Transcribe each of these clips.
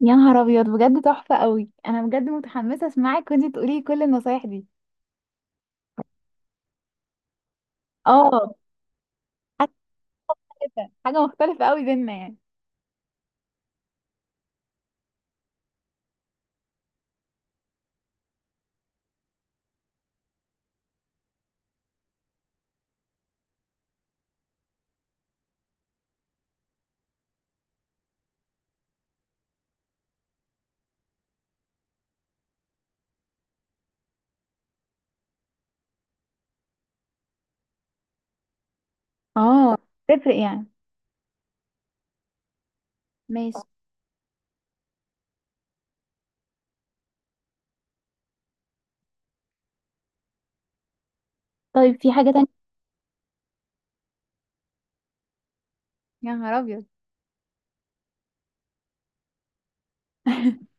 يا نهار ابيض، بجد تحفه قوي. انا بجد متحمسه اسمعك وانتي تقولي لي كل النصايح دي. اه، حاجه حاجه مختلفه قوي بينا يعني. اه، تفرق يعني. ماشي. طيب، في حاجه تانية؟ يا نهار ابيض!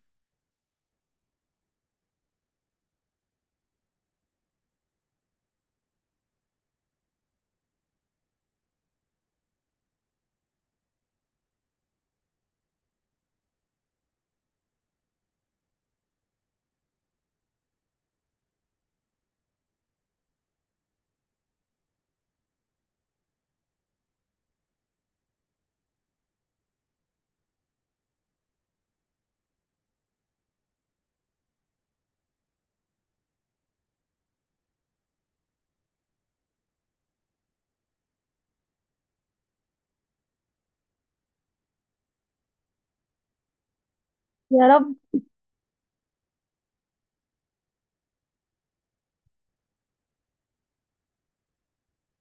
يا رب.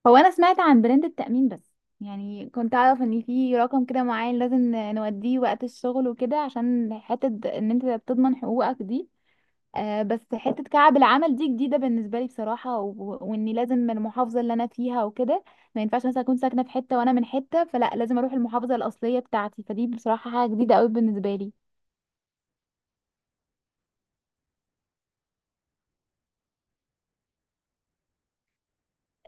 هو انا سمعت عن براند التأمين بس، يعني كنت اعرف ان في رقم كده معين لازم نوديه وقت الشغل وكده، عشان حتة ان انت بتضمن حقوقك دي. بس حتة كعب العمل دي جديدة بالنسبة لي بصراحة، و... وإني لازم من المحافظة اللي أنا فيها وكده. ما ينفعش مثلا أكون ساكنة في حتة وأنا من حتة فلا، لازم أروح المحافظة الأصلية بتاعتي، فدي بصراحة حاجة جديدة أوي بالنسبة لي.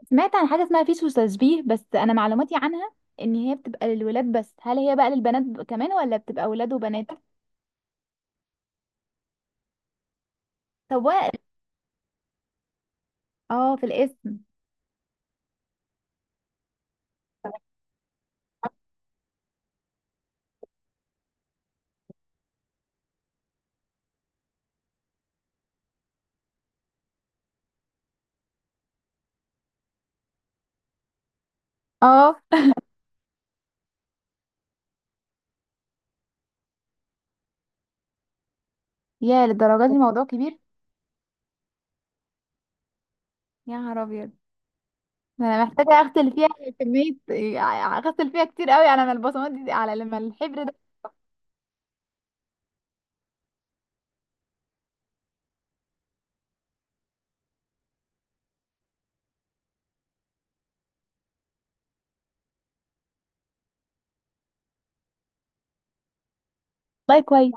سمعت عن حاجة اسمها فيش وتشبيه، بس أنا معلوماتي عنها إن هي بتبقى للولاد بس، هل هي بقى للبنات كمان، ولا بتبقى ولاد وبنات؟ سواء. اه، في الاسم. اه، يا للدرجة دي الموضوع كبير! يا نهار ابيض! ده انا محتاجه اغسل فيها كميه، اغسل فيها كتير قوي على ما البصمات دي، على لما الحبر. والله كويس.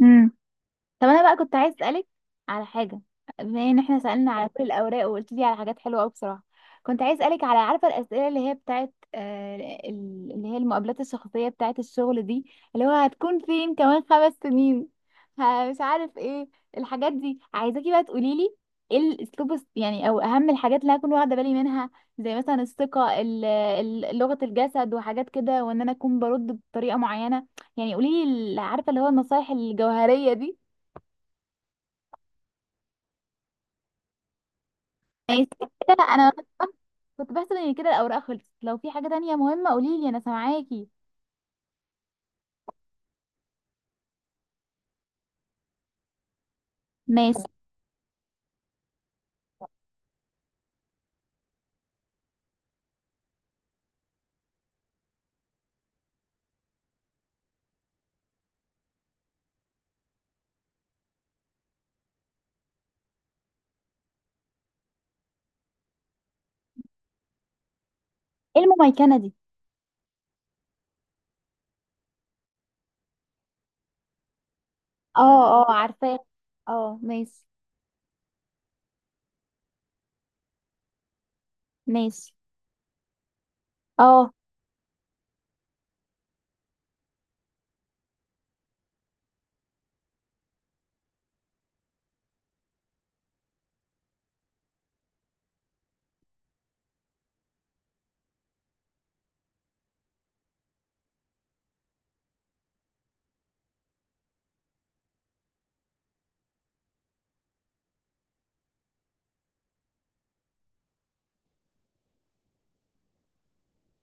امم طب انا بقى كنت عايز اسالك على حاجه. بما ان احنا سالنا على كل الاوراق وقلت لي على حاجات حلوه قوي بصراحه، كنت عايز اسالك على عارفه الاسئله اللي هي بتاعت اللي هي المقابلات الشخصيه بتاعت الشغل دي، اللي هو هتكون فين كمان 5 سنين، مش عارف ايه، الحاجات دي. عايزاكي بقى تقولي لي ايه الاسلوب يعني، او اهم الحاجات اللي هكون واخده بالي منها، زي مثلا الثقه، لغه الجسد وحاجات كده، وان انا اكون برد بطريقه معينه. يعني قولي لي عارفه اللي هو النصايح الجوهريه دي. ماشي. كده انا كنت بحسب ان كده الاوراق خلصت. لو في حاجه تانية مهمه قولي لي، انا سامعاكي. ماشي. ايه المميكنه دي؟ اه. اه، عارفاه. اه، ماشي. ماشي. اه.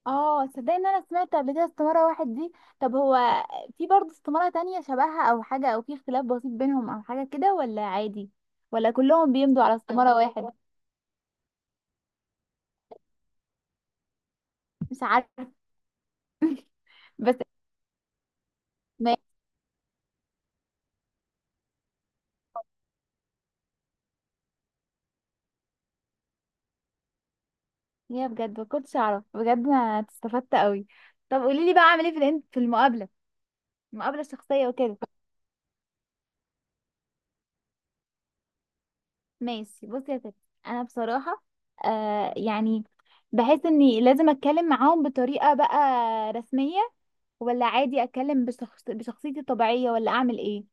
اه، تصدقي ان انا سمعت قبل كده استماره واحد دي. طب هو في برضه استماره تانية شبهها او حاجه، او في اختلاف بسيط بينهم او حاجه كده، ولا عادي، ولا كلهم بيمضوا على استماره واحد؟ مش عارفه. بس. ماشي. هي بجد ما كنتش اعرف، بجد انا استفدت قوي. طب قولي لي بقى اعمل ايه في في المقابله الشخصيه وكده؟ ماشي، بصي يا ستي. انا بصراحه يعني بحس اني لازم اتكلم معاهم بطريقه بقى رسميه، ولا عادي اتكلم بشخصيتي الطبيعيه، ولا اعمل ايه؟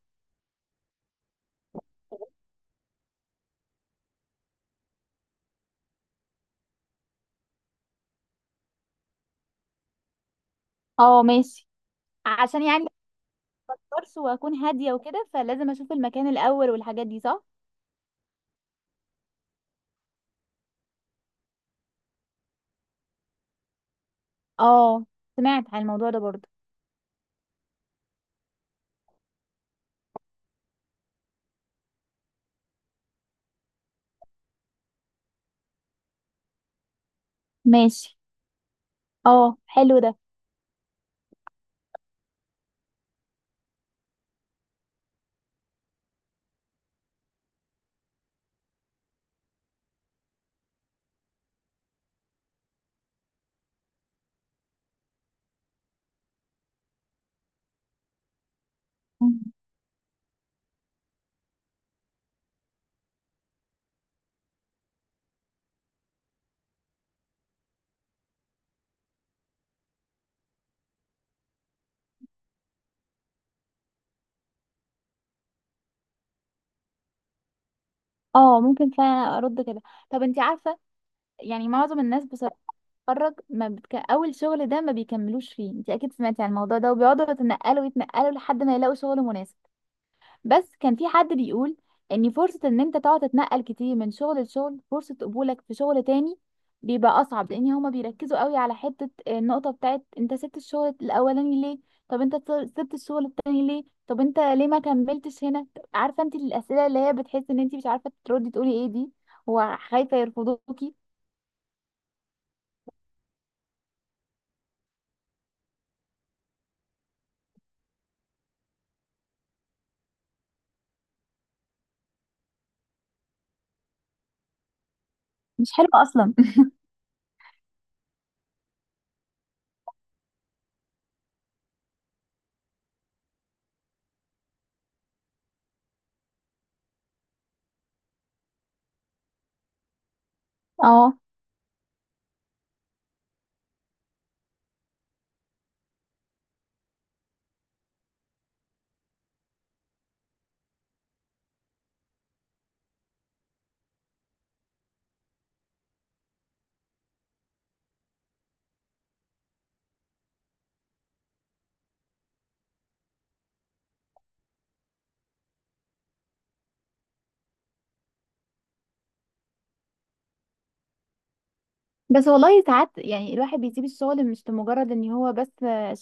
اه، ماشي. عشان يعني ما اكبرش واكون هاديه وكده، فلازم اشوف المكان الاول والحاجات دي صح. اه، سمعت عن الموضوع ده برضه. ماشي، اه حلو ده. مم. اه، ممكن فعلا ارد كده. طب انت عارفه، يعني معظم الناس بصراحه بتتخرج، ما بتك... اول شغل ده ما بيكملوش فيه. انت اكيد سمعتي عن الموضوع ده، وبيقعدوا يتنقلوا يتنقلوا لحد ما يلاقوا شغل مناسب. بس كان في حد بيقول ان فرصة ان انت تقعد تتنقل كتير من شغل لشغل، فرصة قبولك في شغل تاني بيبقى اصعب، لان هما بيركزوا قوي على حتة النقطة بتاعت انت سبت الشغل الاولاني ليه، طب انت سبت الشغل التاني ليه، طب انت ليه ما كملتش هنا. عارفة، انت الاسئلة اللي هي بتحس ان انت مش عارفة تردي تقولي ايه دي، وخايفة يرفضوكي. مش حلوة اصلا. اه. بس والله ساعات يعني الواحد بيسيب الشغل مش لمجرد ان هو بس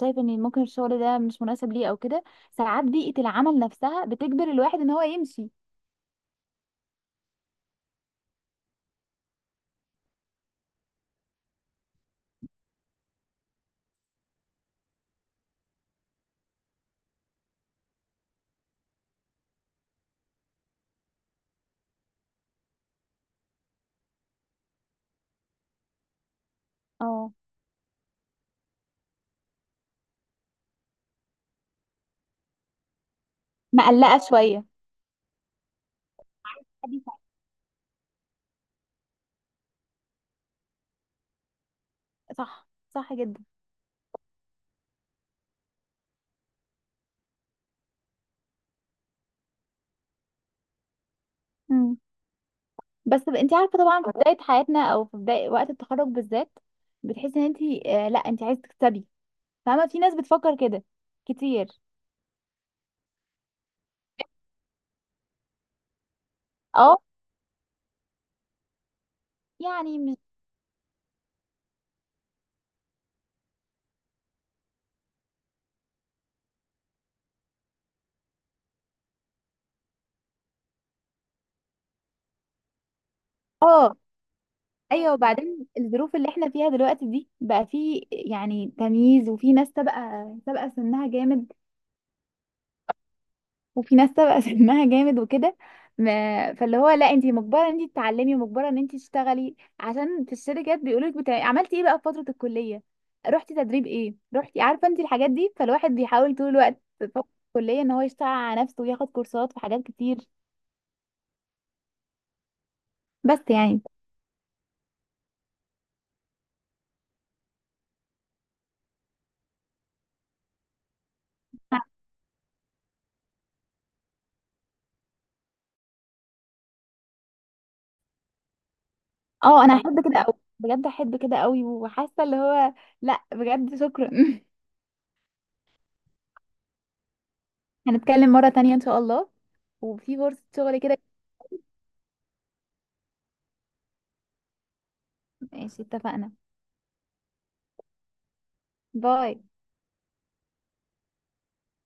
شايف ان ممكن الشغل ده مش مناسب ليه او كده، ساعات بيئة العمل نفسها بتجبر الواحد ان هو يمشي. اه، مقلقة شوية. دي حاجة. صح. صح جدا. مم. بس انت عارفة، طبعا في بداية حياتنا او في بداية وقت التخرج بالذات، بتحسي ان انت لا، انت عايزة تكسبي. فاهمة؟ في ناس بتفكر كده كتير. اه يعني مش. اه، ايوه. وبعدين الظروف اللي احنا فيها دلوقتي دي بقى في يعني تمييز، وفي ناس سابقه سنها جامد، وفي ناس سابقه سنها جامد وكده. فاللي هو لا، انت مجبره ان انت تتعلمي، مجبره ان انت تشتغلي، عشان في الشركات بيقولوا لك عملتي ايه بقى في فتره الكليه، رحتي تدريب ايه، رحتي، عارفه انت الحاجات دي. فالواحد بيحاول طول الوقت في فتره الكليه ان هو يشتغل على نفسه وياخد كورسات في حاجات كتير. بس يعني اه، انا احب كده قوي، بجد احب كده قوي، وحاسه اللي هو لا، بجد شكرا. هنتكلم مرة تانية إن شاء الله، وفي فرصة شغل كده. ماشي اتفقنا. باي.